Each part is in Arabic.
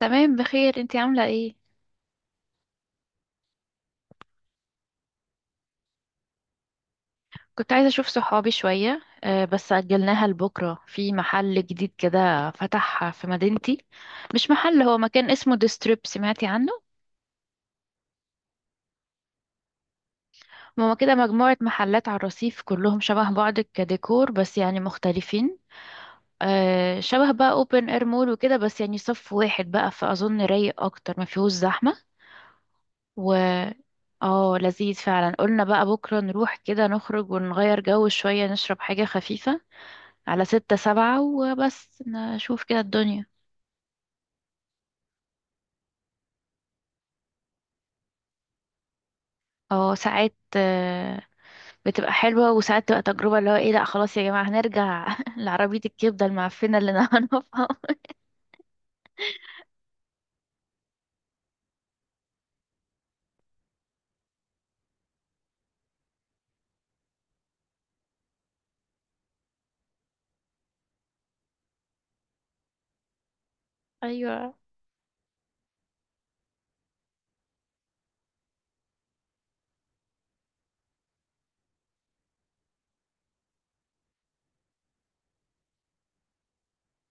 تمام، بخير. انتي عاملة ايه؟ كنت عايزة اشوف صحابي شوية، بس اجلناها لبكرة في محل جديد كده فتح في مدينتي. مش محل، هو مكان اسمه ديستريب، سمعتي عنه؟ هما كده مجموعة محلات على الرصيف كلهم شبه بعض كديكور، بس يعني مختلفين. شبه بقى اوبن اير مول وكده، بس يعني صف واحد بقى، فاظن رايق اكتر، ما فيهوش زحمة. و اه لذيذ فعلا. قلنا بقى بكرة نروح كده نخرج ونغير جو شوية، نشرب حاجة خفيفة على 6 7 وبس، نشوف كده الدنيا. اه، ساعات، بتبقى حلوة وساعات تبقى تجربة اللي هو ايه، لأ خلاص يا جماعة هنرجع لعربية الكبدة المعفنة اللي أنا هنقفها. أيوة،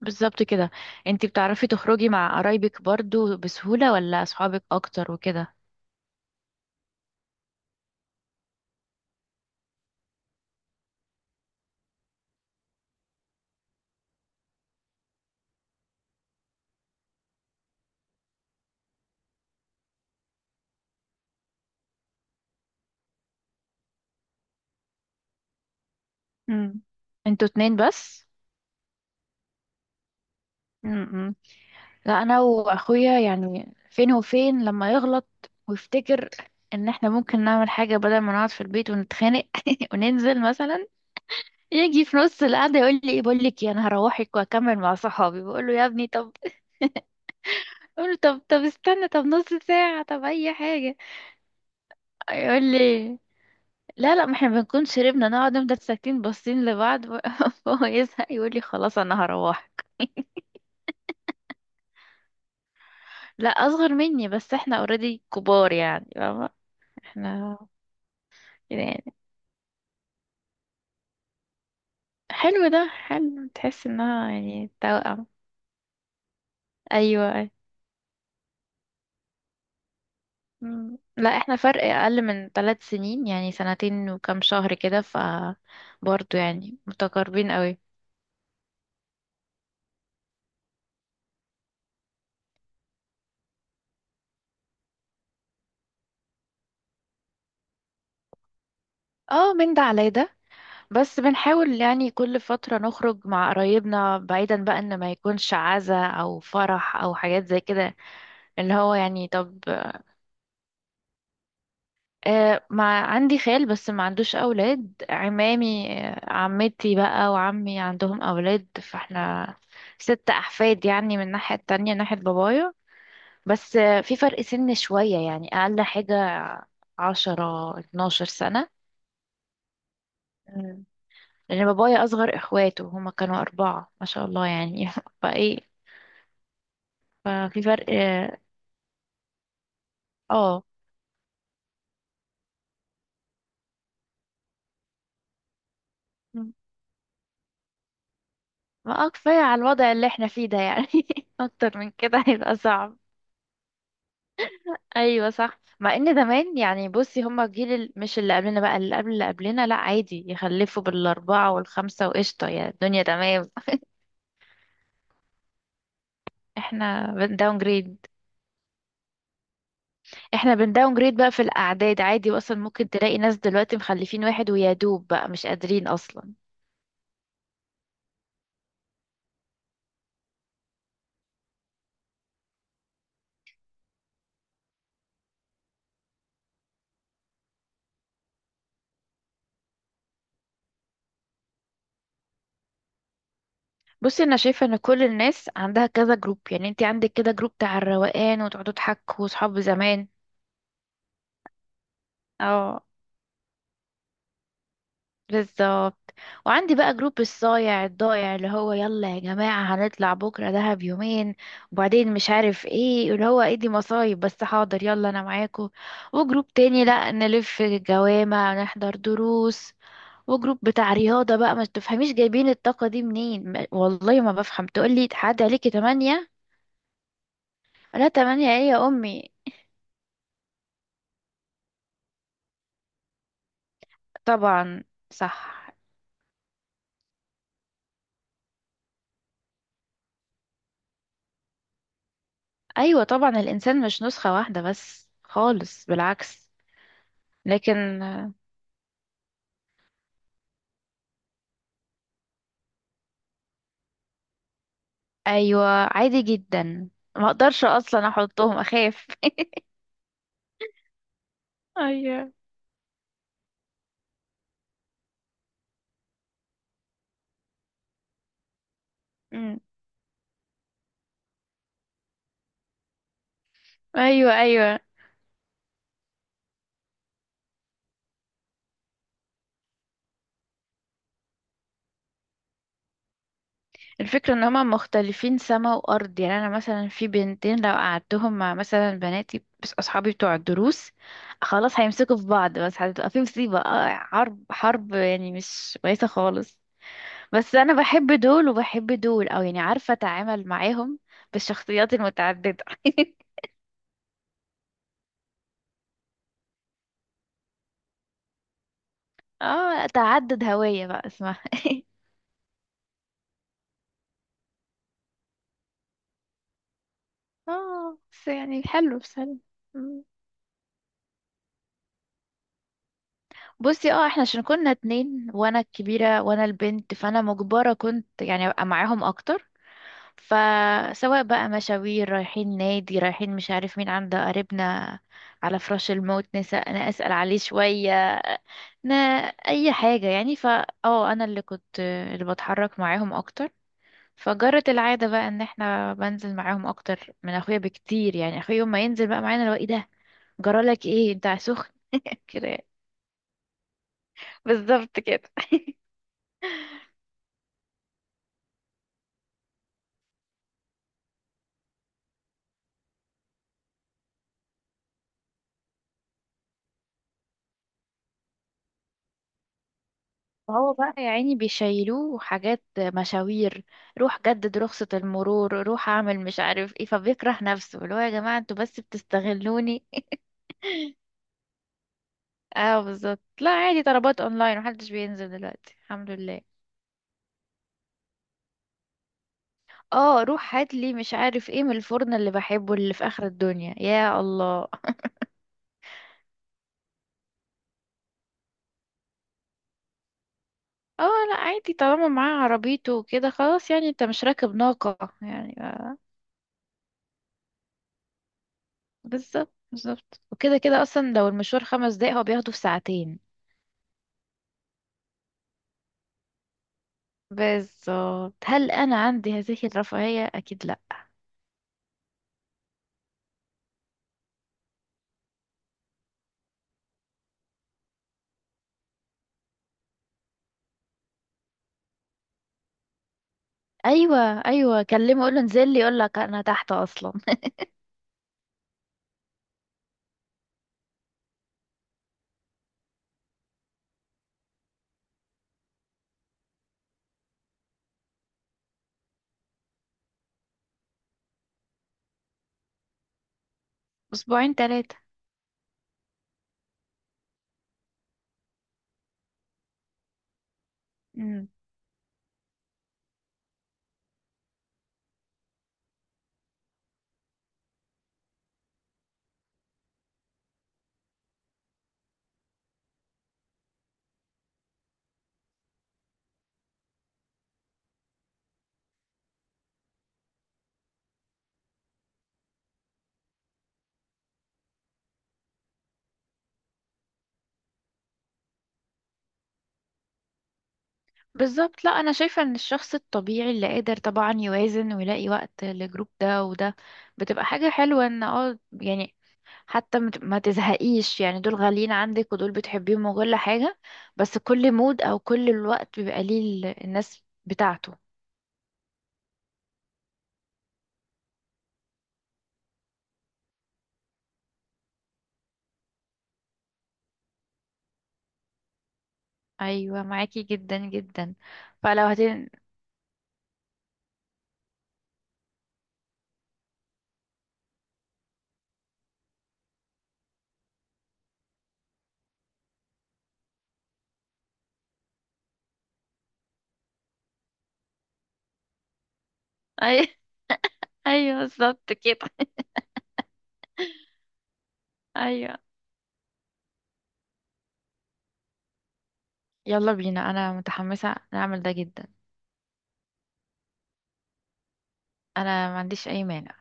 بالظبط كده. انتي بتعرفي تخرجي مع قرايبك برضو بسهولة ولا أصحابك أكتر وكده؟ امم انتوا اتنين بس؟ امم لا، أنا وأخويا يعني فين وفين لما يغلط ويفتكر ان احنا ممكن نعمل حاجة بدل ما نقعد في البيت ونتخانق وننزل مثلا. يجي في نص القعدة يقول لي ايه، بقول لك إيه، انا هروحك واكمل مع صحابي، بقول له يا ابني طب، بقول له طب طب استنى، طب نص ساعة، طب اي حاجة. يقول لي لا لا، ما احنا بنكون شربنا نقعد نفضل ساكتين باصين لبعض. فهو يزهق يقول لي خلاص انا هروحك. لا، اصغر مني بس احنا اوريدي كبار يعني، فاهمة؟ احنا كده يعني. حلو ده، حلو تحس انها يعني توأم. ايوه. مم. لا احنا فرق اقل من 3 سنين يعني، سنتين وكام شهر كده، ف برضه يعني متقاربين قوي. اه، من ده على ده، بس بنحاول يعني كل فترة نخرج مع قرايبنا بعيدا بقى ان ما يكونش عزا او فرح او حاجات زي كده، اللي هو يعني طب. آه، ما عندي خال بس ما عندوش اولاد، عمامي، عمتي بقى وعمي عندهم اولاد، فاحنا ست احفاد يعني، من الناحية التانية ناحية بابايا. بس، في فرق سن شوية يعني، أقل حاجة 10 12 سنة. مم. لأن بابايا أصغر إخواته هما كانوا أربعة، ما شاء الله يعني. فإيه، ففي فرق اه آه. مم. ما، كفاية على الوضع اللي احنا فيه ده يعني. أكتر من كده هيبقى صعب. أيوة صح، مع إن زمان يعني بصي، هما الجيل مش اللي قبلنا بقى، اللي قبل اللي قبلنا، لأ عادي يخلفوا بالأربعة والخمسة وقشطة يعني، الدنيا تمام. احنا داون جريد. احنا بنداون جريد بقى في الاعداد عادي، واصلا ممكن تلاقي ناس دلوقتي مخلفين واحد ويا دوب بقى مش قادرين اصلا. بصي، انا شايفه ان كل الناس عندها كذا جروب، يعني انت عندك كده جروب بتاع الروقان وتقعدوا تحكوا، وصحاب زمان. اه، بالظبط. وعندي بقى جروب الصايع الضايع، اللي هو يلا يا جماعه هنطلع بكره دهب يومين، وبعدين مش عارف ايه، اللي هو ايه دي مصايب، بس حاضر يلا انا معاكم. وجروب تاني لا، نلف جوامع نحضر دروس. وجروب بتاع رياضة بقى، ما تفهميش جايبين الطاقة دي منين، والله ما بفهم، تقولي تعدي عليكي 8. لا تمانية ايه يا أمي؟ طبعا صح. أيوة طبعا الإنسان مش نسخة واحدة بس خالص، بالعكس. لكن، أيوة عادي جدا، ما أقدرش أصلا أحطهم أخاف. أيوة. أمم. أيوة أيوة، الفكرة ان هما مختلفين سما وارض، يعني انا مثلا في بنتين، لو قعدتهم مع مثلا بناتي بس اصحابي بتوع الدروس، خلاص هيمسكوا في بعض، بس هتبقى في مصيبة، حرب حرب يعني مش كويسة خالص. بس انا بحب دول وبحب دول، او يعني عارفة اتعامل معاهم بالشخصيات المتعددة. اه، تعدد هوية بقى اسمها. اه، بس يعني حلو، بس حلو. بصي، اه احنا عشان كنا اتنين وانا الكبيرة وانا البنت، فانا مجبرة كنت يعني ابقى معاهم اكتر. فسواء بقى مشاوير، رايحين نادي، رايحين مش عارف مين، عند قريبنا على فراش الموت نسأل، انا اسأل عليه شوية. نا اي حاجة يعني، فا انا اللي كنت اللي بتحرك معاهم اكتر. فجرت العادة بقى ان احنا بنزل معاهم اكتر من اخويا بكتير، يعني اخويا يوم ما ينزل بقى معانا، لو ايه ده جرالك ايه انت سخن؟ كده يعني. بالظبط كده. فهو بقى يا عيني بيشيلوه حاجات، مشاوير روح جدد رخصة المرور، روح اعمل مش عارف ايه، فبيكره نفسه اللي هو يا جماعة انتوا بس بتستغلوني. اه بالظبط. لا عادي، طلبات اونلاين محدش بينزل دلوقتي الحمد لله. اه روح هات لي مش عارف ايه من الفرن اللي بحبه اللي في اخر الدنيا، يا الله. اه لا عادي، طالما معاه عربيته وكده خلاص يعني، انت مش راكب ناقة يعني، بالظبط بالظبط، وكده كده اصلا لو المشوار 5 دقايق هو بياخده في ساعتين. بالظبط، هل انا عندي هذه الرفاهية؟ اكيد لا. ايوه ايوه، كلمه اقول له انزل لي يقول لك انا تحت اصلا. اسبوعين ثلاثة. امم بالظبط. لا انا شايفة ان الشخص الطبيعي اللي قادر طبعا يوازن ويلاقي وقت لجروب ده وده، بتبقى حاجة حلوة ان اه يعني، حتى ما تزهقيش يعني، دول غاليين عندك ودول بتحبيهم وكل حاجة، بس كل مود او كل الوقت بيبقى ليه الناس بتاعته. ايوه، معاكي جدا جدا. فلو هتن ايوه بالظبط كده. ايوه، يلا بينا انا متحمسة نعمل ده جدا. انا ما عنديش اي مانع.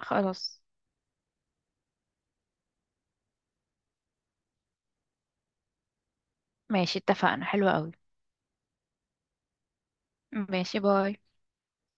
خلاص، ماشي اتفقنا، حلو قوي. ماشي، باي.